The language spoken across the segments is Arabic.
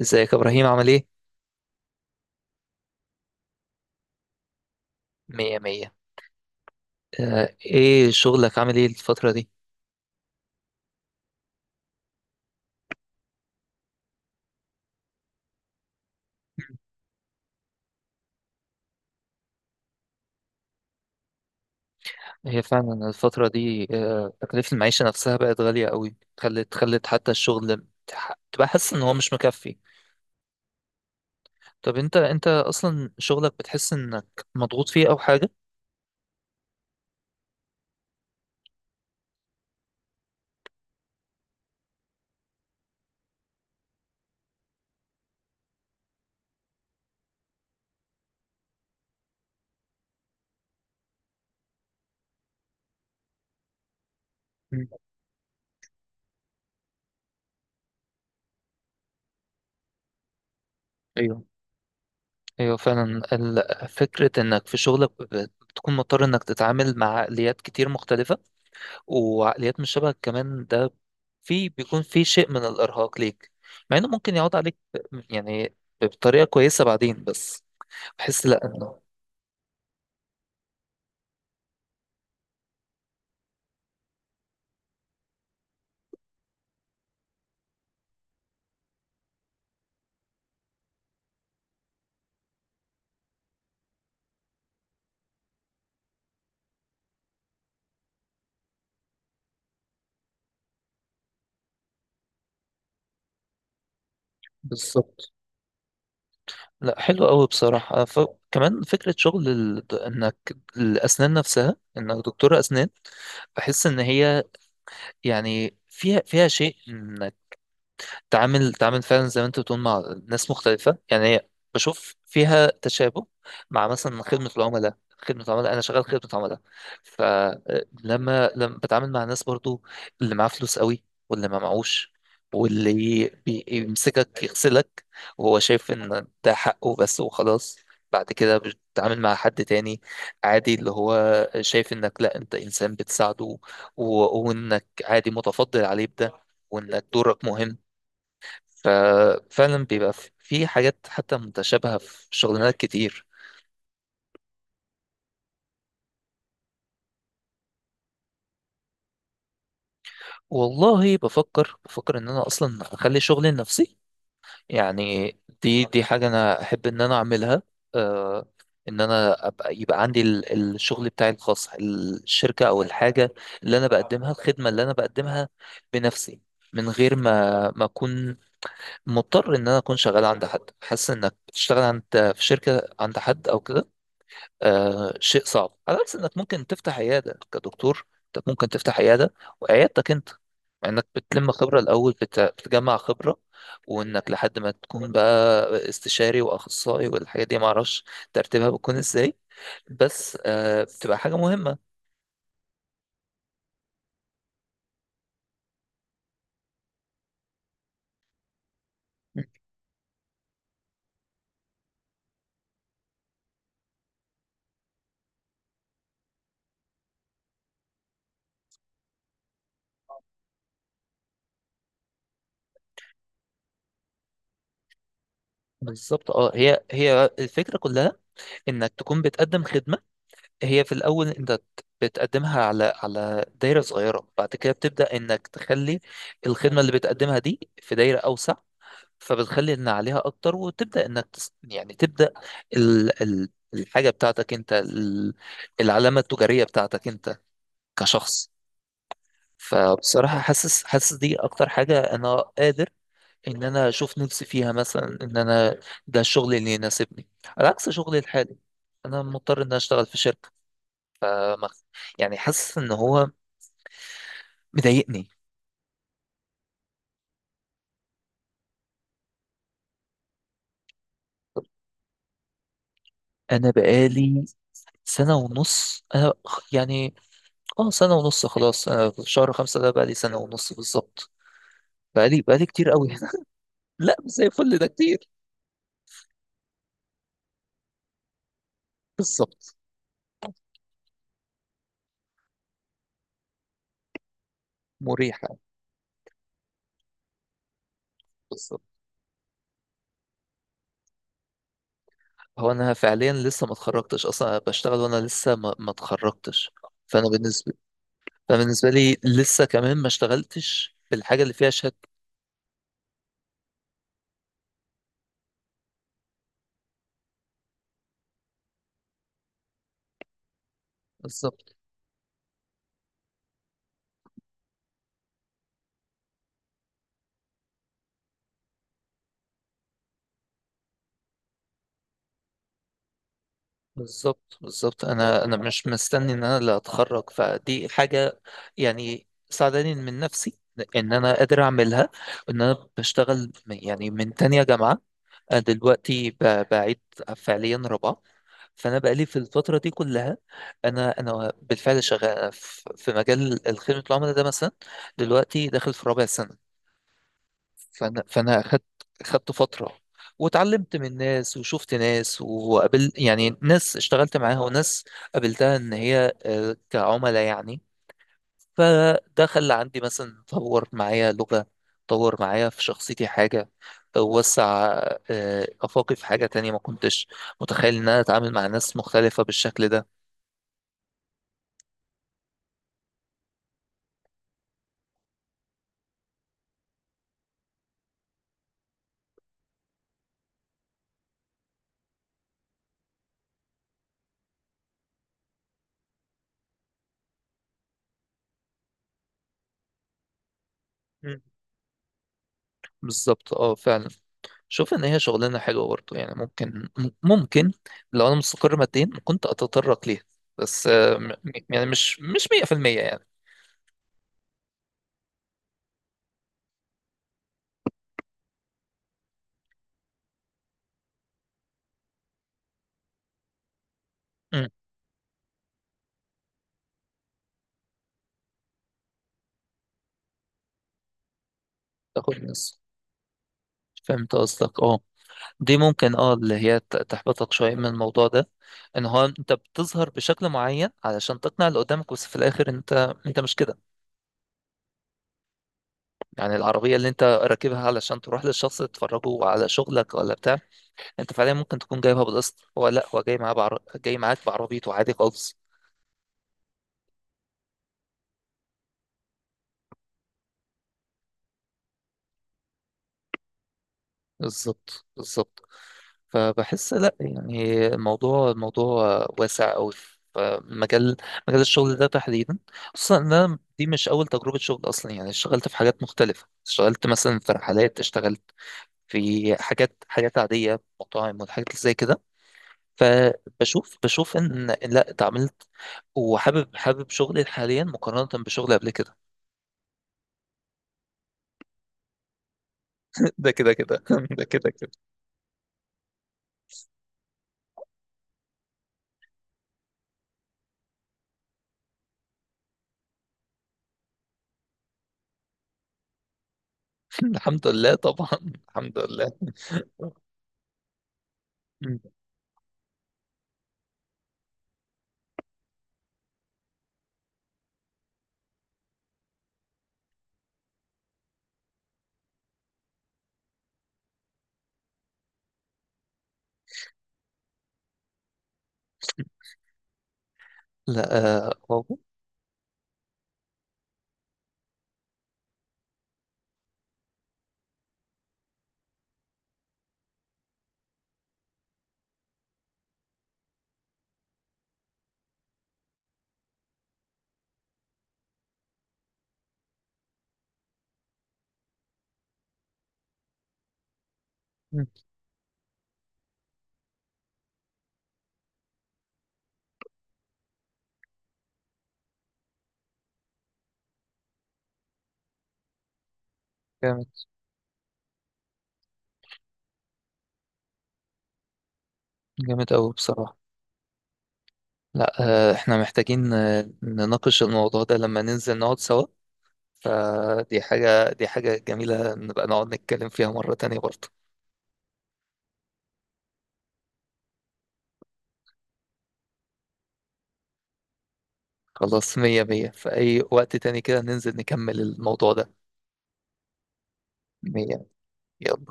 ازيك يا ابراهيم عامل ايه؟ مية مية. ايه شغلك عامل ايه الفترة دي؟ هي فعلا الفترة دي، تكلفة المعيشة نفسها بقت غالية قوي. خلت حتى الشغل تبقى حاسس ان هو مش مكفي. طب انت اصلا شغلك بتحس انك مضغوط فيه او حاجة؟ مم. ايوه، ايوه فعلا فكرة انك في شغلك بتكون مضطر انك تتعامل مع عقليات كتير مختلفة، وعقليات مش شبهك كمان، ده في بيكون في شيء من الإرهاق ليك، مع إنه ممكن يعود عليك يعني بطريقة كويسة بعدين، بس بحس لأ إنه بالظبط. لأ حلو قوي بصراحة. كمان فكرة شغل إنك الأسنان نفسها، إنك دكتور أسنان، بحس إن هي يعني فيها، فيها شيء تعامل فعلا زي ما انت بتقول مع ناس مختلفة. يعني هي بشوف فيها تشابه مع مثلا خدمة العملاء. خدمة عملاء أنا شغال خدمة عملاء، لما بتعامل مع ناس برضو، اللي معاه فلوس قوي واللي ما معهوش، واللي بيمسكك يغسلك وهو شايف إن ده حقه بس وخلاص. بعد كده بتتعامل مع حد تاني عادي اللي هو شايف إنك لا، أنت إنسان بتساعده، وإنك عادي متفضل عليه بده، وإنك دورك مهم. ففعلا بيبقى في، في حاجات حتى متشابهة في شغلانات كتير. والله بفكر ان انا اصلا اخلي شغلي لنفسي. يعني دي حاجة انا احب ان انا اعملها. آه، ان انا ابقى، يبقى عندي الشغل بتاعي الخاص، الشركة او الحاجة اللي انا بقدمها، الخدمة اللي انا بقدمها بنفسي، من غير ما اكون مضطر ان انا اكون شغال عند حد. حاسس انك بتشتغل عند، في شركة عند حد او كده آه شيء صعب. على عكس انك ممكن تفتح عياده كدكتور، انت ممكن تفتح عياده وعيادتك انت، مع انك بتلم خبره الاول، بتجمع خبره، وانك لحد ما تكون بقى استشاري واخصائي والحاجات دي، معرفش ترتيبها بتكون ازاي، بس آه بتبقى حاجه مهمه. بالظبط. اه هي، هي الفكره كلها انك تكون بتقدم خدمه. هي في الاول انت بتقدمها على، على دايره صغيره، بعد كده بتبدا انك تخلي الخدمه اللي بتقدمها دي في دايره اوسع، فبتخلي ان عليها اكتر، وتبدا انك يعني تبدا الحاجه بتاعتك انت، العلامه التجاريه بتاعتك انت كشخص. فبصراحه حاسس، حاسس دي اكتر حاجه انا قادر ان انا اشوف نفسي فيها. مثلا ان انا ده الشغل اللي يناسبني، على عكس شغلي الحالي انا مضطر ان أنا اشتغل في شركه. آه، مخ- يعني حاسس ان هو مضايقني. انا بقالي سنه ونص انا، يعني اه سنة ونص. خلاص انا شهر خمسة ده بقى لي سنة ونص بالظبط. بقى لي كتير قوي هنا. لا مش زي الفل، ده كتير. بالظبط. مريحة. بالظبط. هو انا فعليا لسه ما اتخرجتش اصلا، أنا بشتغل وانا لسه ما اتخرجتش. فانا بالنسبة فأنا بالنسبة لي لسه كمان ما اشتغلتش بالحاجة اللي فيها شهادة. بالظبط بالظبط بالظبط. انا مش مستني ان انا اللي اتخرج، فدي حاجة يعني ساعداني من نفسي ان انا قادر اعملها. ان انا بشتغل يعني من تانية جامعة، انا دلوقتي بعيد فعليا رابعه. فانا بقالي في الفتره دي كلها، انا بالفعل شغال أنا في، في مجال خدمه العملاء ده مثلا، دلوقتي داخل في رابع سنه. فانا اخدت، خدت فتره واتعلمت من ناس وشفت ناس وقابل يعني ناس اشتغلت معاها، وناس قابلتها ان هي، كعملاء يعني. فده خلى عندي مثلا، طور معايا لغة، طور معايا في شخصيتي حاجة، وسع، آفاقي في حاجة تانية ما كنتش متخيل إن أنا أتعامل مع ناس مختلفة بالشكل ده. مم. بالظبط. اه فعلا شوف ان هي شغلانه حلوه برضه، يعني ممكن ممكن لو انا مستقر ماديا كنت اتطرق ليها. بس يعني مش، مش 100% يعني. امم. تاخد نص. فهمت قصدك اه. دي ممكن اه اللي هي تحبطك شوية من الموضوع ده، ان هو انت بتظهر بشكل معين علشان تقنع اللي قدامك، بس في الاخر انت، انت مش كده. يعني العربية اللي انت راكبها علشان تروح للشخص تتفرجه على شغلك ولا بتاع، انت فعليا ممكن تكون جايبها بالقسط، هو لا هو جاي معاه جاي معاك بعربيته عادي خالص. بالظبط. فبحس لا، يعني الموضوع، الموضوع واسع قوي. فمجال مجال الشغل ده تحديدا، خصوصا ان انا دي مش اول تجربه شغل اصلا. يعني اشتغلت في حاجات مختلفه، اشتغلت مثلا في رحلات، اشتغلت في حاجات، حاجات عاديه، مطاعم والحاجات اللي زي كده. فبشوف ان إن لا اتعاملت وحابب شغلي حاليا مقارنه بشغلي قبل كده. ده كده كده. ده كده كده. الحمد لله طبعا، الحمد لله. لا آه، هو. مم. جامد، جامد أوي بصراحة. لا احنا محتاجين نناقش الموضوع ده لما ننزل نقعد سوا. فدي حاجة، دي حاجة جميلة نبقى نقعد نتكلم فيها مرة تانية برضه. خلاص مية مية، في أي وقت تاني كده ننزل نكمل الموضوع ده. مية. يلا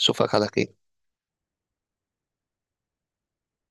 أشوفك على خير.